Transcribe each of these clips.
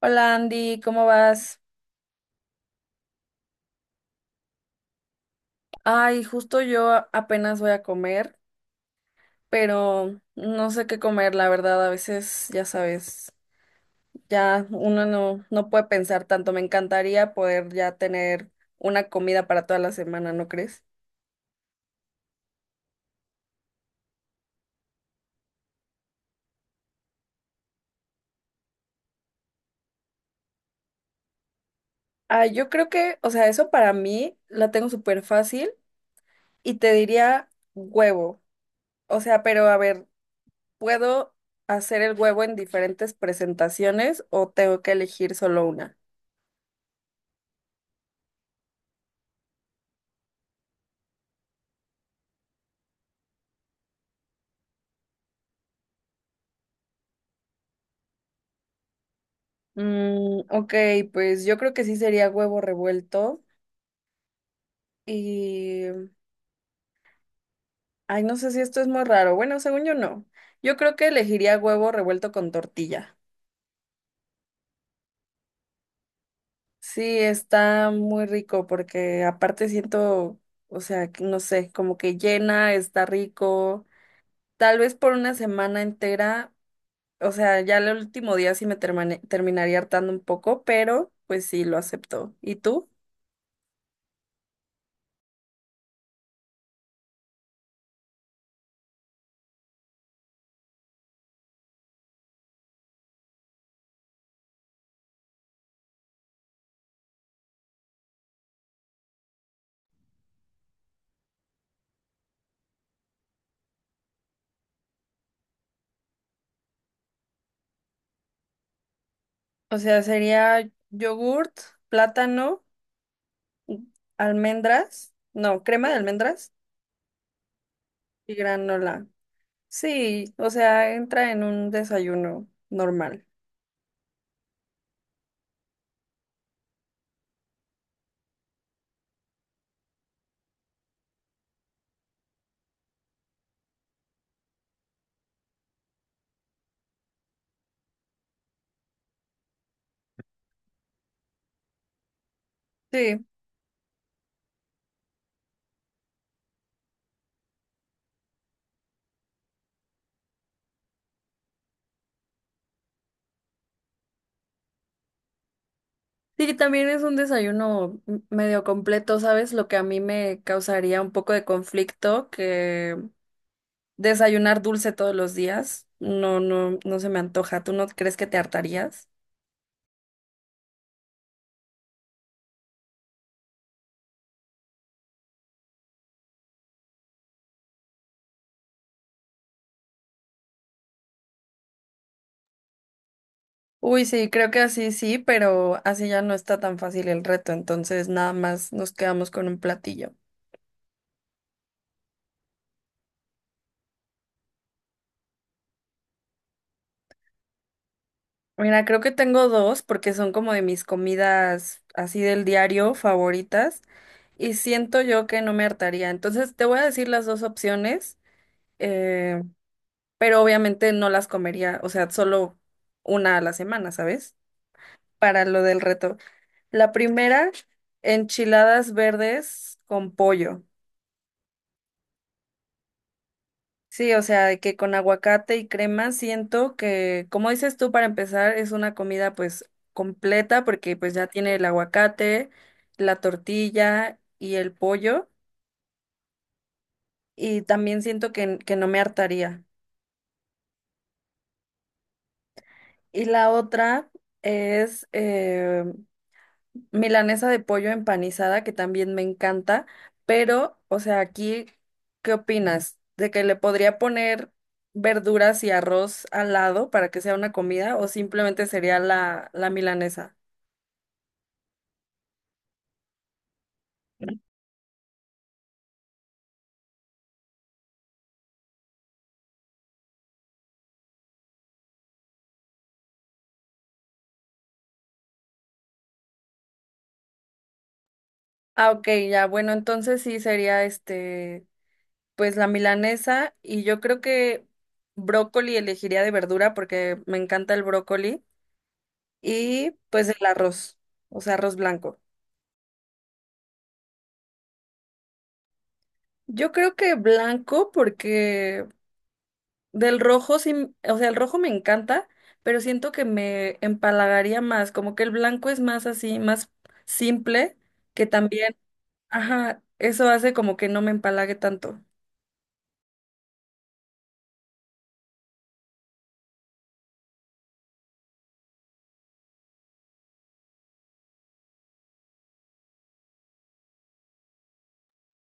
Hola Andy, ¿cómo vas? Ay, justo yo apenas voy a comer, pero no sé qué comer, la verdad, a veces, ya sabes, ya uno no puede pensar tanto. Me encantaría poder ya tener una comida para toda la semana, ¿no crees? Ay, yo creo que, o sea, eso para mí la tengo súper fácil y te diría huevo. O sea, pero a ver, ¿puedo hacer el huevo en diferentes presentaciones o tengo que elegir solo una? Mm, ok, pues yo creo que sí sería huevo revuelto y... Ay, no sé si esto es muy raro. Bueno, según yo no. Yo creo que elegiría huevo revuelto con tortilla. Sí, está muy rico porque aparte siento, o sea, que no sé, como que llena, está rico. Tal vez por una semana entera, o sea, ya el último día sí me terminaría hartando un poco, pero pues sí, lo acepto. ¿Y tú? O sea, sería yogurt, plátano. Almendras, no, crema de almendras y granola. Sí, o sea, entra en un desayuno normal. Sí. Sí, también es un desayuno medio completo, ¿sabes? Lo que a mí me causaría un poco de conflicto, que desayunar dulce todos los días, no, no, no se me antoja. ¿Tú no crees que te hartarías? Uy, sí, creo que así sí, pero así ya no está tan fácil el reto, entonces nada más nos quedamos con un platillo. Mira, creo que tengo dos porque son como de mis comidas así del diario favoritas y siento yo que no me hartaría. Entonces te voy a decir las dos opciones, eh, pero obviamente no las comería, o sea, solo una a la semana, ¿sabes? Para lo del reto. La primera, enchiladas verdes con pollo. Sí, o sea, de que con aguacate y crema siento que, como dices tú, para empezar es una comida pues completa porque pues ya tiene el aguacate, la tortilla y el pollo y también siento que no me hartaría. Y la otra es milanesa de pollo empanizada, que también me encanta, pero, o sea, aquí, ¿qué opinas? ¿De que le podría poner verduras y arroz al lado para que sea una comida o simplemente sería la milanesa? Ah, ok, ya, bueno, entonces sí sería este, pues la milanesa y yo creo que brócoli elegiría de verdura porque me encanta el brócoli y pues el arroz, o sea, arroz blanco. Yo creo que blanco porque del rojo sí, o sea, el rojo me encanta, pero siento que me empalagaría más, como que el blanco es más así, más simple, que también, ajá, eso hace como que no me empalague tanto.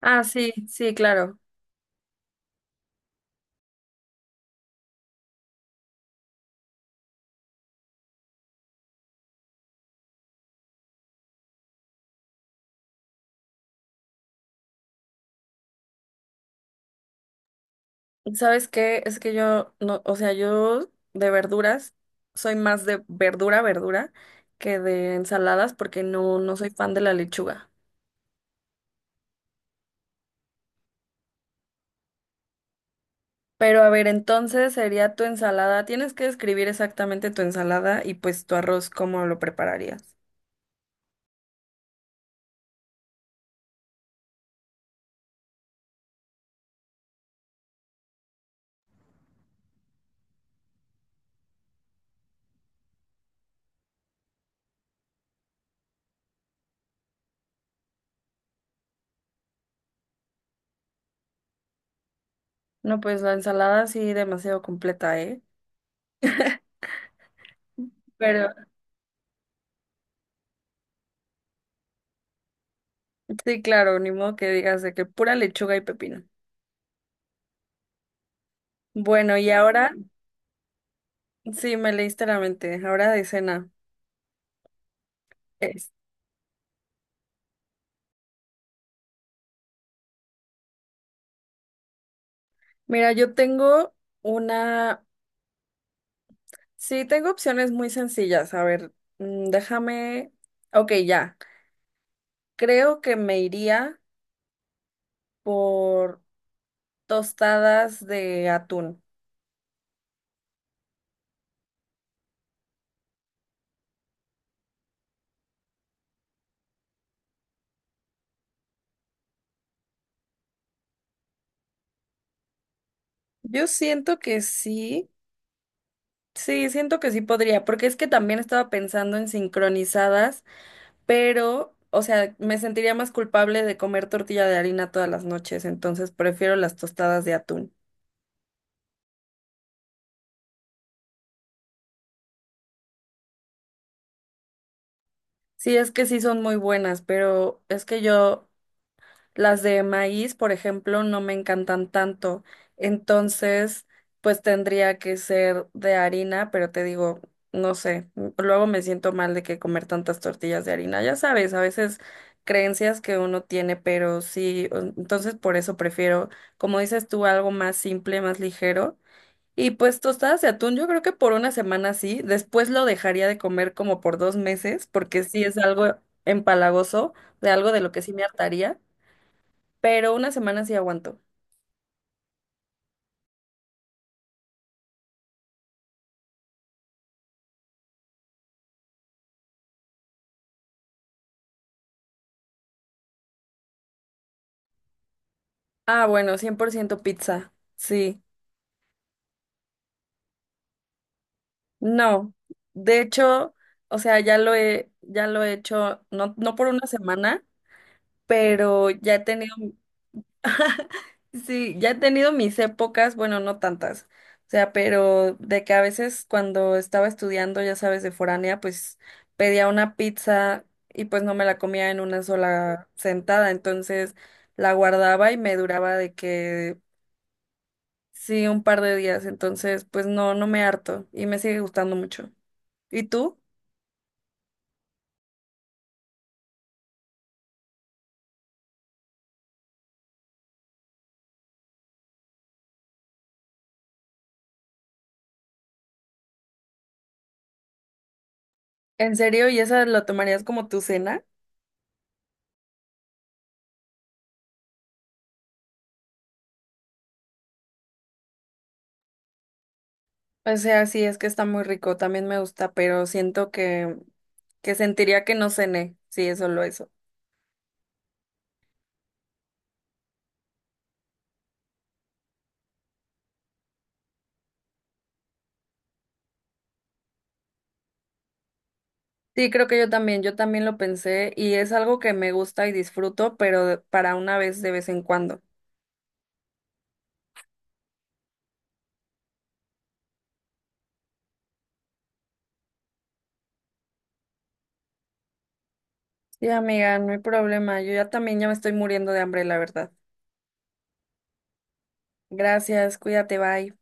Ah, sí, sí, claro. ¿Sabes qué? Es que yo no, o sea, yo de verduras soy más de verdura, verdura que de ensaladas porque no soy fan de la lechuga. Pero a ver, entonces sería tu ensalada. Tienes que describir exactamente tu ensalada y pues tu arroz, ¿cómo lo prepararías? No, pues la ensalada sí demasiado completa, ¿eh? Pero sí, claro, ni modo que digas de que pura lechuga y pepino. Bueno, y ahora sí me leíste la mente. Ahora de cena. Es. Mira, yo tengo una. Sí, tengo opciones muy sencillas. A ver, mm, déjame. Ok, ya. Creo que me iría por tostadas de atún. Yo siento que sí, sí, siento que sí podría, porque es que también estaba pensando en sincronizadas, pero, o sea, me sentiría más culpable de comer tortilla de harina todas las noches, entonces prefiero las tostadas de atún. Sí, es que sí son muy buenas, pero es que yo las de maíz, por ejemplo, no me encantan tanto. Entonces, pues tendría que ser de harina, pero te digo, no sé, luego me siento mal de que comer tantas tortillas de harina. Ya sabes, a veces creencias que uno tiene, pero sí, entonces por eso prefiero, como dices tú, algo más simple, más ligero. Y pues tostadas de atún, yo creo que por una semana sí, después lo dejaría de comer como por 2 meses, porque sí es algo empalagoso, de algo de lo que sí me hartaría pero una semana sí aguanto. Ah, bueno, 100% pizza. Sí. No. De hecho, o sea, ya lo he hecho, no, no por una semana, pero ya he tenido, sí, ya he tenido mis épocas, bueno, no tantas. O sea, pero de que a veces cuando estaba estudiando, ya sabes, de foránea, pues pedía una pizza y pues no me la comía en una sola sentada. Entonces la guardaba y me duraba de que sí, un par de días, entonces pues no, no me harto y me sigue gustando mucho. ¿Y tú? ¿En serio? ¿Y esa lo tomarías como tu cena? O sea, sí, es que está muy rico, también me gusta, pero siento que sentiría que no cené, sí, es solo eso. Sí, creo que yo también lo pensé y es algo que me gusta y disfruto, pero para una vez de vez en cuando. Sí, amiga, no hay problema, yo ya también ya me estoy muriendo de hambre, la verdad. Gracias, cuídate, bye.